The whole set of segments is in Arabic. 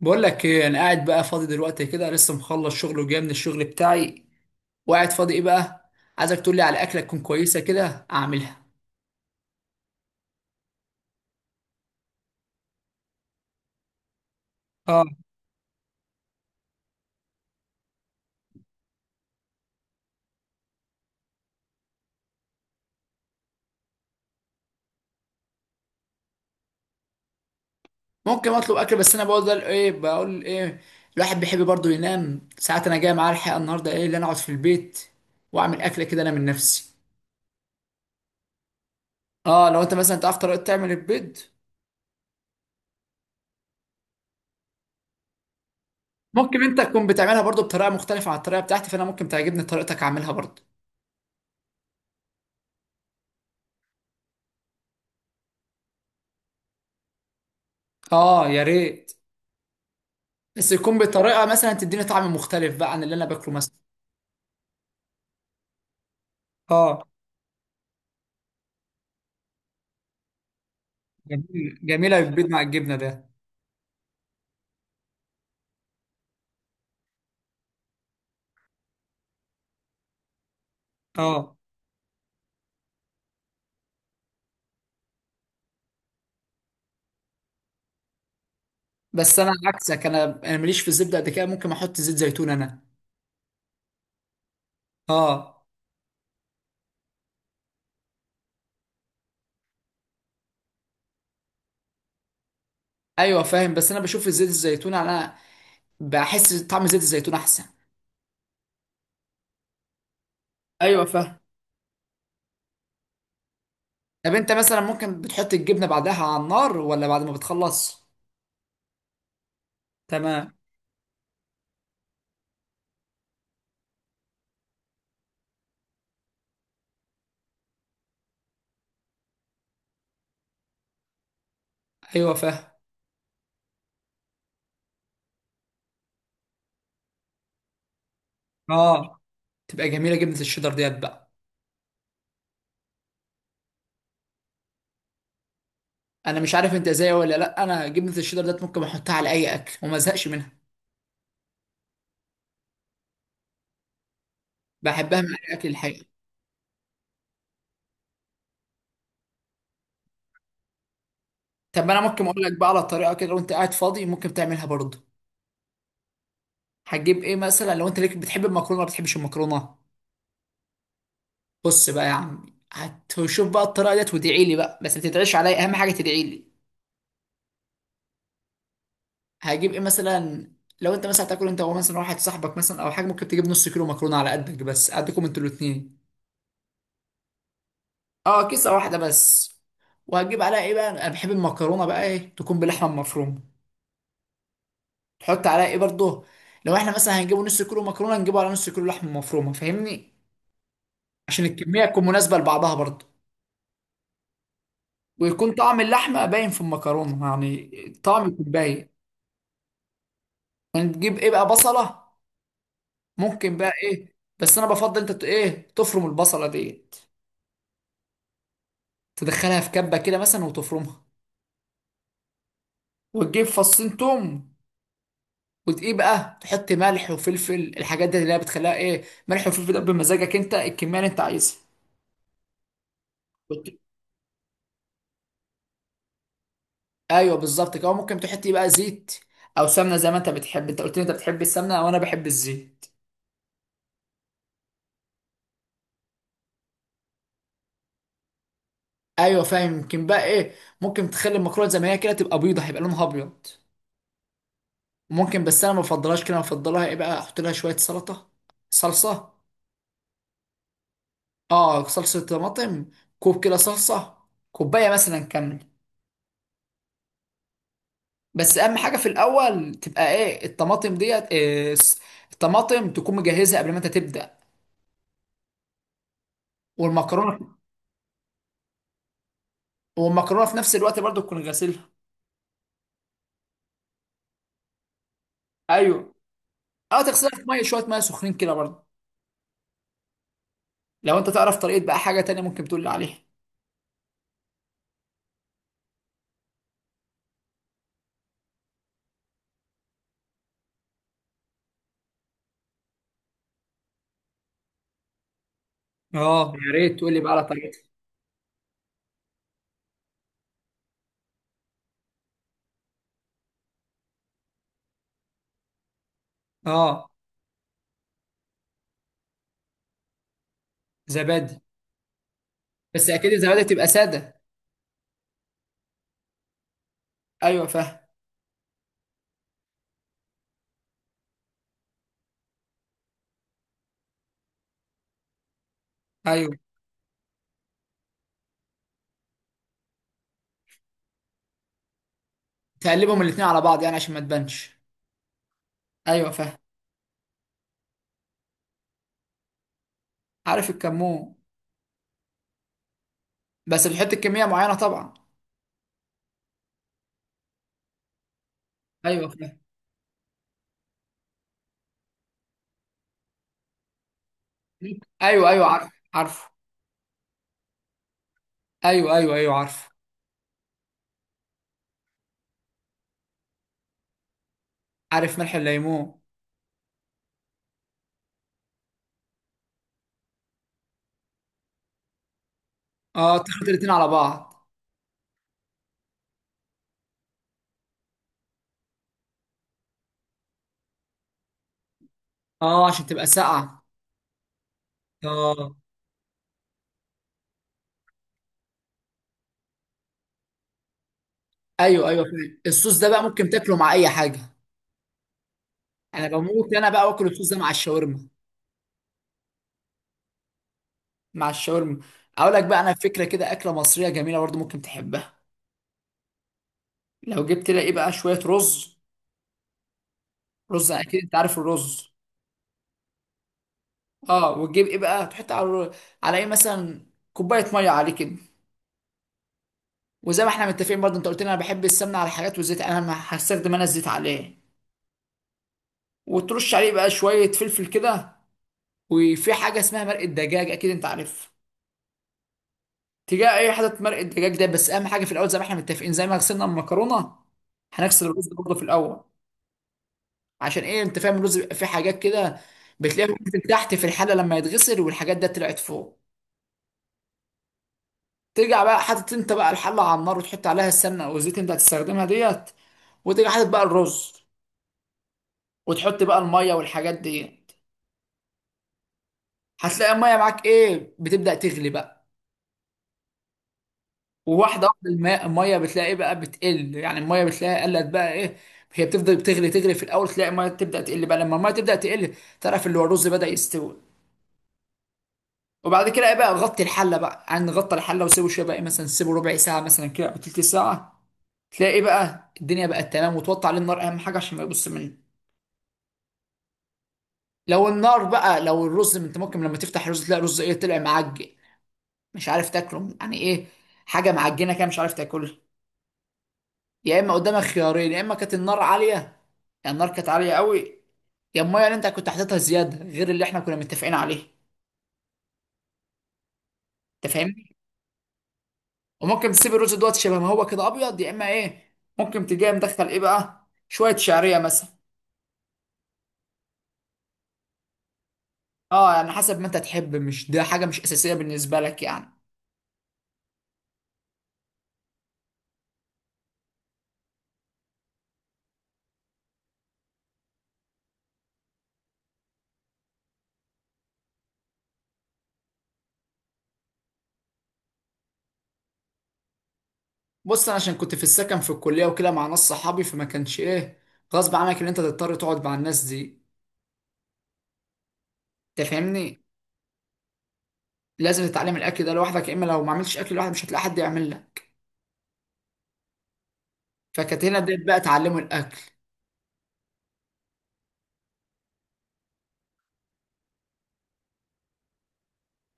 بقول لك ايه، انا قاعد بقى فاضي دلوقتي كده، لسه مخلص شغل وجاي من الشغل بتاعي وقاعد فاضي. ايه بقى عايزك تقول لي على اكله تكون كويسه كده اعملها. اه ممكن اطلب اكل، بس انا بقول ده ايه، بقول ايه. الواحد بيحب برضه ينام ساعات، انا جاي معاه الحقيقه النهارده. ايه اللي انا اقعد في البيت واعمل اكله كده انا من نفسي. اه لو انت مثلا تعرف طريقه تعمل البيض. ممكن انت تكون بتعملها برضه بطريقه مختلفه عن الطريقه بتاعتي، فانا ممكن تعجبني طريقتك اعملها برضه. اه يا ريت، بس يكون بطريقه مثلا تديني طعم مختلف بقى عن اللي انا باكله مثلا. اه جميل، جميله بالبيض مع الجبنه ده. اه بس انا عكسك، انا ماليش في الزبده قد كده، ممكن احط زيت زيتون انا. اه ايوه فاهم، بس انا بشوف زيت الزيتون انا، بحس طعم زيت الزيتون احسن. ايوه فاهم. طب انت مثلا ممكن بتحط الجبنه بعدها على النار ولا بعد ما بتخلص؟ تمام. ايوه فاهم. اه تبقى جميله جبنه الشيدر ديت بقى. انا مش عارف انت زيي ولا لا، انا جبنه الشيدر ديت ممكن احطها على اي اكل وما ازهقش منها. بحبها مع اي اكل الحقيقه. طب انا ممكن اقول لك بقى على طريقه كده، لو انت قاعد فاضي ممكن تعملها برضه. هتجيب ايه مثلا؟ لو انت ليك بتحب المكرونه، ما بتحبش المكرونه؟ بص بقى يا عم، هتشوف بقى الطريقه ديت، وادعي لي بقى، بس ما تدعيش عليا، اهم حاجه تدعي لي. هجيب ايه مثلا؟ لو انت مثلا تاكل انت ومثلا واحد صاحبك مثلا او حاجه، ممكن تجيب 1/2 كيلو مكرونه على قدك، بس قدكم انتوا الاثنين. اه كيسه واحده بس. وهتجيب عليها ايه بقى؟ انا بحب المكرونه بقى ايه تكون باللحمه المفرومه. تحط عليها ايه برضه؟ لو احنا مثلا هنجيبوا 1/2 كيلو مكرونه، نجيبه على 1/2 كيلو لحمه مفرومه، فاهمني؟ عشان الكمية تكون مناسبة لبعضها برضه، ويكون طعم اللحمة باين في المكرونة، يعني الطعم يكون باين. هنجيب ايه بقى؟ بصلة. ممكن بقى ايه، بس انا بفضل انت ايه تفرم البصلة ديت، تدخلها في كبة كده مثلا وتفرمها. وتجيب 2 توم، وتقيه بقى، تحط ملح وفلفل، الحاجات دي اللي هي بتخليها ايه، ملح وفلفل ده بمزاجك انت، الكمية اللي انت عايزها. وت- ايوه بالظبط كده. ممكن تحط إيه بقى، زيت او سمنة زي ما انت بتحب. انت قلت لي انت بتحب السمنة وانا بحب الزيت. ايوه فاهم. يمكن بقى ايه، ممكن تخلي المكرونه زي ما هي كده تبقى بيضه، هيبقى لونها ابيض. ممكن، بس انا ما بفضلهاش كده. أنا بفضلها ايه بقى، احط لها شويه سلطه، صلصه. اه صلصه طماطم. كوب كده صلصه، كوبايه مثلا كامله. بس اهم حاجه في الاول تبقى ايه، الطماطم ديت إيه، الطماطم تكون مجهزها قبل ما انت تبدا، والمكرونه. والمكرونه في نفس الوقت برضو تكون غاسلها. ايوه. اه تغسلها في ميه، شويه ميه سخنين كده برضو. لو انت تعرف طريقه بقى حاجه تانية ممكن تقول لي عليها. اه يا ريت تقول لي بقى على طريقتها. اه. زبادي. بس اكيد الزبادي تبقى ساده. ايوه فاهم. ايوه. تقلبهم الاتنين على بعض يعني عشان ما تبانش. ايوه فاهم. عارف الكمون. بس بتحط كميه معينه طبعا. ايوه فاهم. ايوه ايوه عارف عارف. ايوه ايوه ايوه عارف. عارف ملح الليمون. اه تخلط الاتنين على بعض. اه عشان تبقى ساقعه. اه. ايوه ايوه فاهم. الصوص ده بقى ممكن تاكله مع اي حاجه. انا بموت انا بقى واكل الصوص ده مع الشاورما. مع الشاورما. اقول لك بقى انا فكره كده، اكله مصريه جميله برضه ممكن تحبها. لو جبت لها ايه بقى، شويه رز. رز، اكيد انت عارف الرز. اه. وتجيب ايه بقى، تحط على على ايه مثلا، كوبايه ميه عليه كده. وزي ما احنا متفقين برضه، انت قلت لي انا بحب السمنه على الحاجات والزيت، انا ما هستخدم انا الزيت عليه. وترش عليه بقى شويه فلفل كده. وفي حاجه اسمها مرق الدجاج، اكيد انت عارفها. تجاه اي حاجه مرق الدجاج ده. بس اهم حاجه في الاول، زي ما احنا متفقين، زي ما غسلنا المكرونه، هنغسل الرز برضه في الاول. عشان ايه؟ انت فاهم الرز بيبقى فيه حاجات كده، بتلاقيها بتنزل تحت في الحله لما يتغسل، والحاجات ده طلعت فوق. ترجع بقى حاطط انت بقى الحله على النار، وتحط عليها السمنه او الزيت اللي انت هتستخدمها ديت. وتيجي حاطط بقى الرز، وتحط بقى الميه والحاجات ديت. هتلاقي الميه معاك ايه بتبدا تغلي بقى. وواحده واحده الماء الميه بتلاقي ايه بقى بتقل، يعني الميه بتلاقيها قلت بقى ايه. هي بتفضل بتغلي تغلي في الاول، تلاقي الميه تبدا تقل بقى، لما الميه تبدا تقل تعرف اللي هو الرز بدا يستوي. وبعد كده ايه بقى، نغطي الحله بقى، يعني نغطي الحله وسيبه شويه بقى إيه، مثلا سيبه 1/4 ساعه مثلا كده او 1/3 ساعه. تلاقي إيه بقى الدنيا بقت تمام، وتوطي عليه النار اهم حاجه عشان ما يبص منه. لو النار بقى، لو الرز انت ممكن لما تفتح الرز تلاقي رز ايه، طلع معجن، مش عارف تاكله يعني ايه، حاجه معجنه كده مش عارف تاكلها. يا اما قدامك خيارين، يا اما كانت النار عاليه، يعني النار كانت عاليه قوي، يا الميه اللي انت كنت حاططها زياده غير اللي احنا كنا متفقين عليه. انت فاهمني. وممكن تسيب الرز دوت شبه ما هو كده ابيض، يا اما ايه ممكن تجي مدخل ايه بقى شويه شعريه مثلا. اه يعني حسب ما انت تحب، مش ده حاجه مش اساسيه بالنسبه لك يعني. بص انا عشان كنت في السكن في الكليه وكده مع ناس صحابي، فما كانش ايه، غصب عنك ان انت تضطر تقعد مع الناس دي، تفهمني. لازم تتعلم الاكل ده لوحدك، يا اما لو ما عملتش اكل لوحدك مش هتلاقي حد يعمل لك. فكانت هنا بدأت بقى اتعلموا الاكل.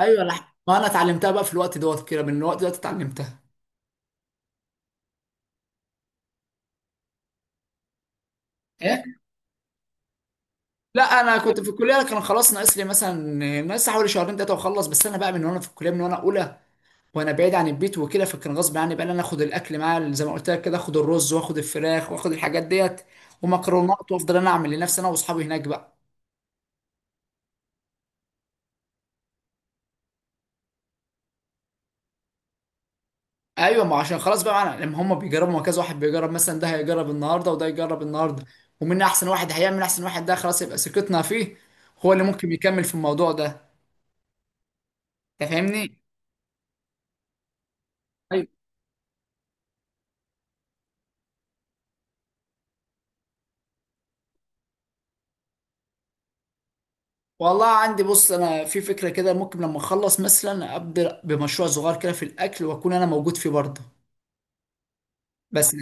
ايوه لا، ما انا اتعلمتها بقى في الوقت دوت كده، من الوقت دوت اتعلمتها. لا انا كنت في الكليه، أنا كان خلاص ناقص لي مثلا، ناقص حوالي شهرين ثلاثه واخلص. بس انا بقى من وانا في الكليه، من وانا اولى وانا بعيد عن البيت وكده، فكان غصب عني بقى إن انا اخد الاكل معايا زي ما قلت لك كده، اخد الرز واخد الفراخ واخد الحاجات ديت ومكرونات، وافضل انا اعمل لنفسي انا واصحابي هناك بقى. ايوه ما عشان خلاص بقى معنا لما هم بيجربوا، ما كذا واحد بيجرب مثلا، ده هيجرب النهارده وده يجرب النهارده. ومين احسن واحد، هيعمل احسن واحد ده خلاص يبقى ثقتنا فيه، هو اللي ممكن يكمل في الموضوع ده. أنت فاهمني. والله عندي بص، انا في فكره كده ممكن لما اخلص مثلا ابدا بمشروع صغير كده في الاكل واكون انا موجود فيه برضه. بس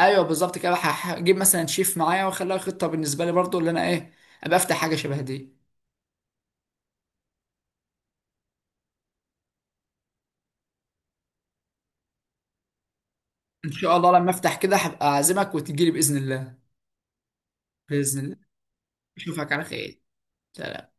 ايوه بالظبط كده. هجيب مثلا شيف معايا واخليها خطه بالنسبه لي برضه، اللي انا ايه ابقى افتح حاجه شبه دي. ان شاء الله لما افتح كده هبقى اعزمك وتجيلي باذن الله. باذن الله. اشوفك على خير. سلام.